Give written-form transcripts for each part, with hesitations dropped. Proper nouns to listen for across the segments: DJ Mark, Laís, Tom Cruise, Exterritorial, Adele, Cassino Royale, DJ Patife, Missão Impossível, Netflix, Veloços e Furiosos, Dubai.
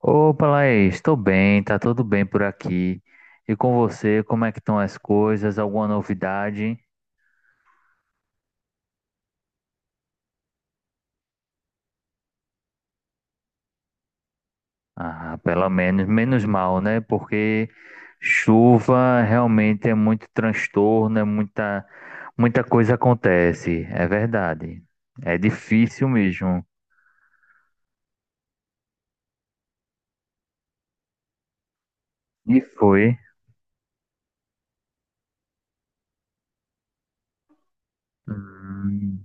Opa, Laís, estou bem, tá tudo bem por aqui. E com você, como é que estão as coisas? Alguma novidade? Ah, pelo menos, menos mal, né? Porque chuva realmente é muito transtorno, é muita, muita coisa acontece, é verdade. É difícil mesmo. E foi. Hum,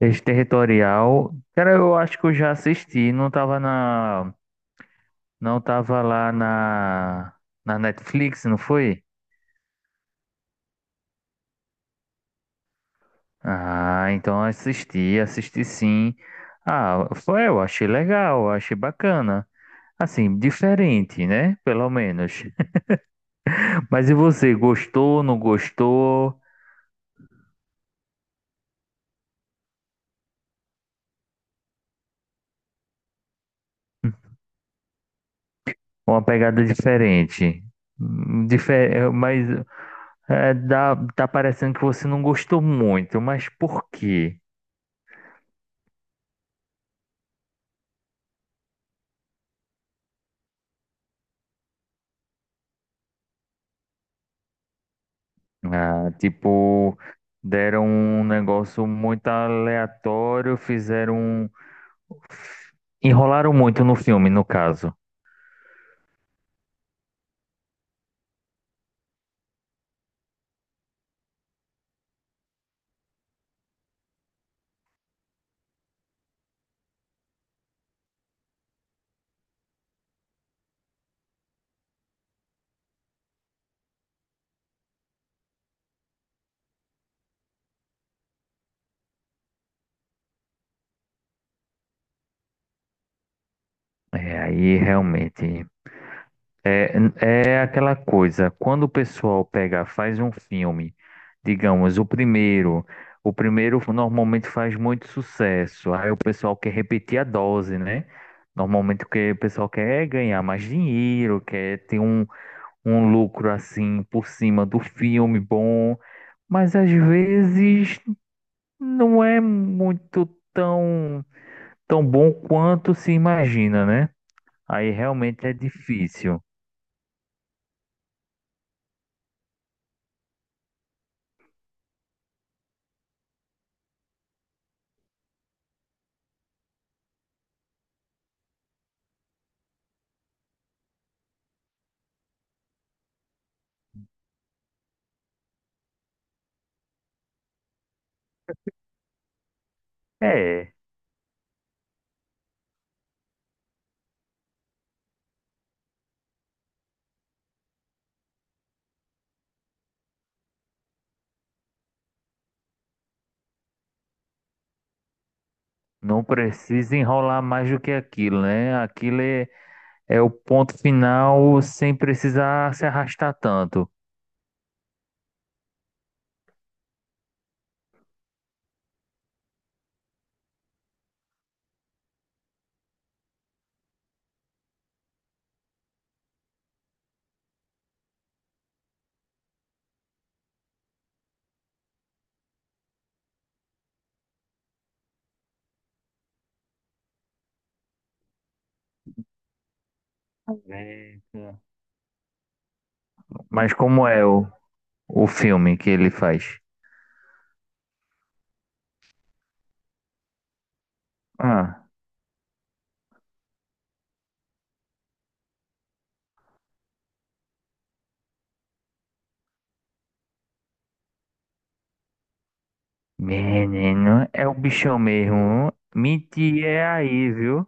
Exterritorial. Cara, eu acho que eu já assisti, não tava lá na Netflix, não foi? Ah, então assisti, assisti sim. Ah, foi, eu achei legal, eu achei bacana. Assim, diferente, né? Pelo menos. Mas e você, gostou, não gostou? Uma pegada diferente. Difer mas é, dá, tá parecendo que você não gostou muito, mas por quê? Ah, tipo, deram um negócio muito aleatório, um... Enrolaram muito no filme, no caso. É, aí realmente. É, é, aquela coisa, quando o pessoal pega, faz um filme, digamos, o primeiro, normalmente faz muito sucesso, aí o pessoal quer repetir a dose, né? Normalmente o que o pessoal quer é ganhar mais dinheiro, quer ter um lucro assim por cima do filme bom, mas às vezes não é muito tão, tão bom quanto se imagina, né? Aí realmente é difícil. É. Não precisa enrolar mais do que aquilo, né? Aquilo é o ponto final sem precisar se arrastar tanto. Eita. Mas como é o filme que ele faz? Ah, menino, é o bichão mesmo. Mentir é aí, viu?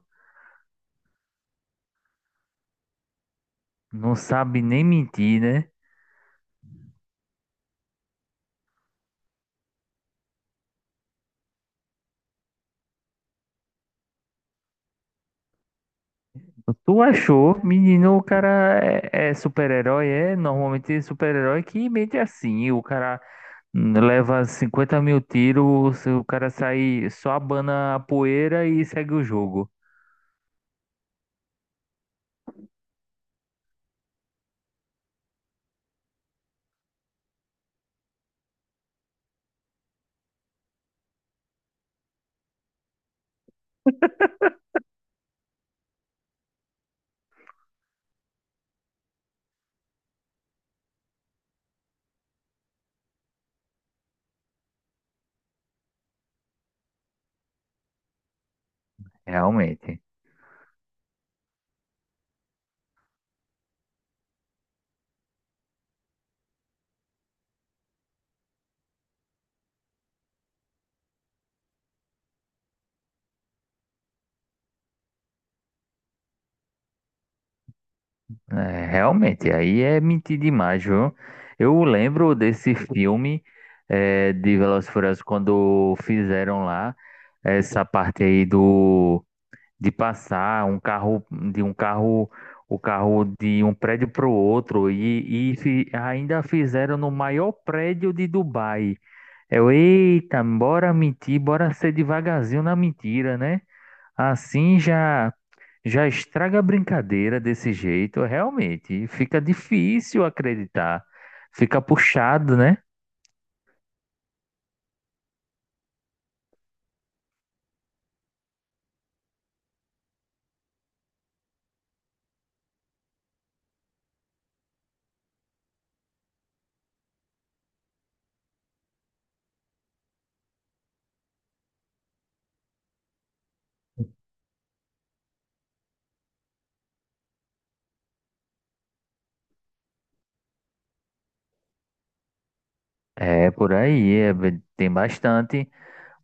Não sabe nem mentir, né? Tu achou, menino, o cara é super-herói, é? Normalmente é super-herói que mente assim. O cara leva 50 mil tiros, se o cara sai só abana a poeira e segue o jogo. Realmente. É, realmente, aí é mentir demais, viu? Eu lembro desse filme de Velozes e Furiosos quando fizeram lá essa parte aí do de passar um carro de um carro o carro de um prédio para o outro e ainda fizeram no maior prédio de Dubai. Eita, bora mentir, bora ser devagarzinho na mentira, né? Assim já já estraga a brincadeira desse jeito, realmente. Fica difícil acreditar. Fica puxado, né? É, por aí, é, tem bastante.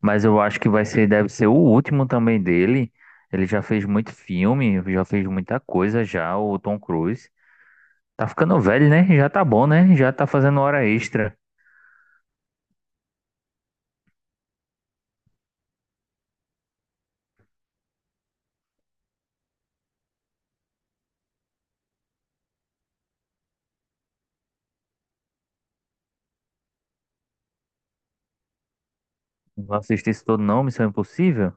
Mas eu acho que vai ser, deve ser o último também dele. Ele já fez muito filme, já fez muita coisa já, o Tom Cruise. Tá ficando velho, né? Já tá bom, né? Já tá fazendo hora extra. Não assisti isso todo não, Missão Impossível?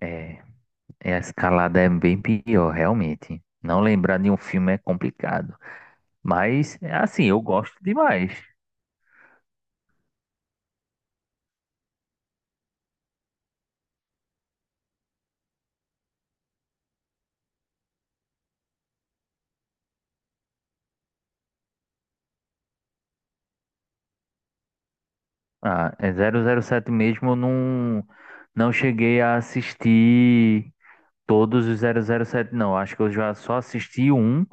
É, é, a escalada é bem pior, realmente. Não lembrar de um filme é complicado. Mas, é assim, eu gosto demais. Ah, é 007 mesmo, eu não cheguei a assistir todos os 007. Não. Acho que eu já só assisti um,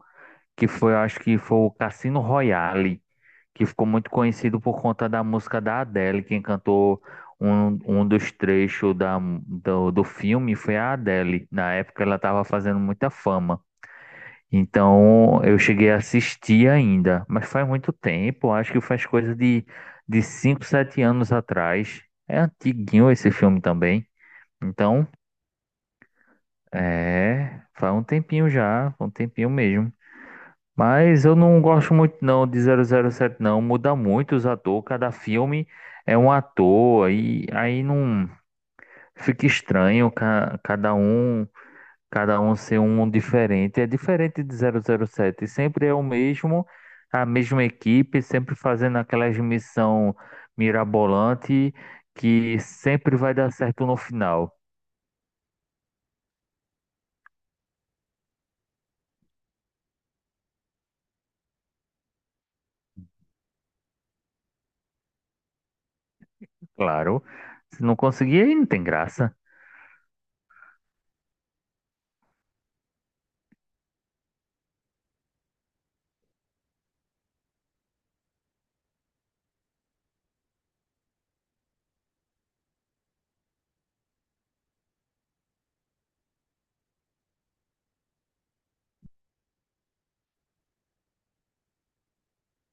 que foi, acho que foi o Cassino Royale, que ficou muito conhecido por conta da música da Adele. Quem cantou um dos trechos do filme foi a Adele. Na época ela estava fazendo muita fama. Então eu cheguei a assistir ainda, mas faz muito tempo, acho que faz coisa de 5, 7 anos atrás. É antiguinho esse filme também. Então, é, faz um tempinho já, um tempinho mesmo. Mas eu não gosto muito não de 007 não, muda muito os atores, cada filme é um ator e aí não fica estranho, cada um ser um diferente. É diferente de 007. Sempre é o mesmo, a mesma equipe, sempre fazendo aquelas missão mirabolante que sempre vai dar certo no final. Claro. Se não conseguir, aí não tem graça.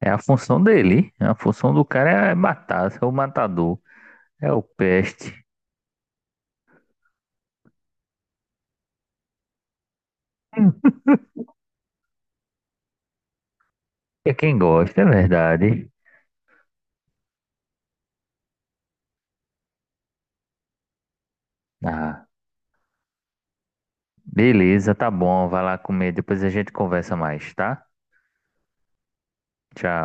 É a função dele. A função do cara é matar, ser o matador. É o peste. É quem gosta, é verdade. Ah. Beleza, tá bom. Vai lá comer. Depois a gente conversa mais, tá? Tchau.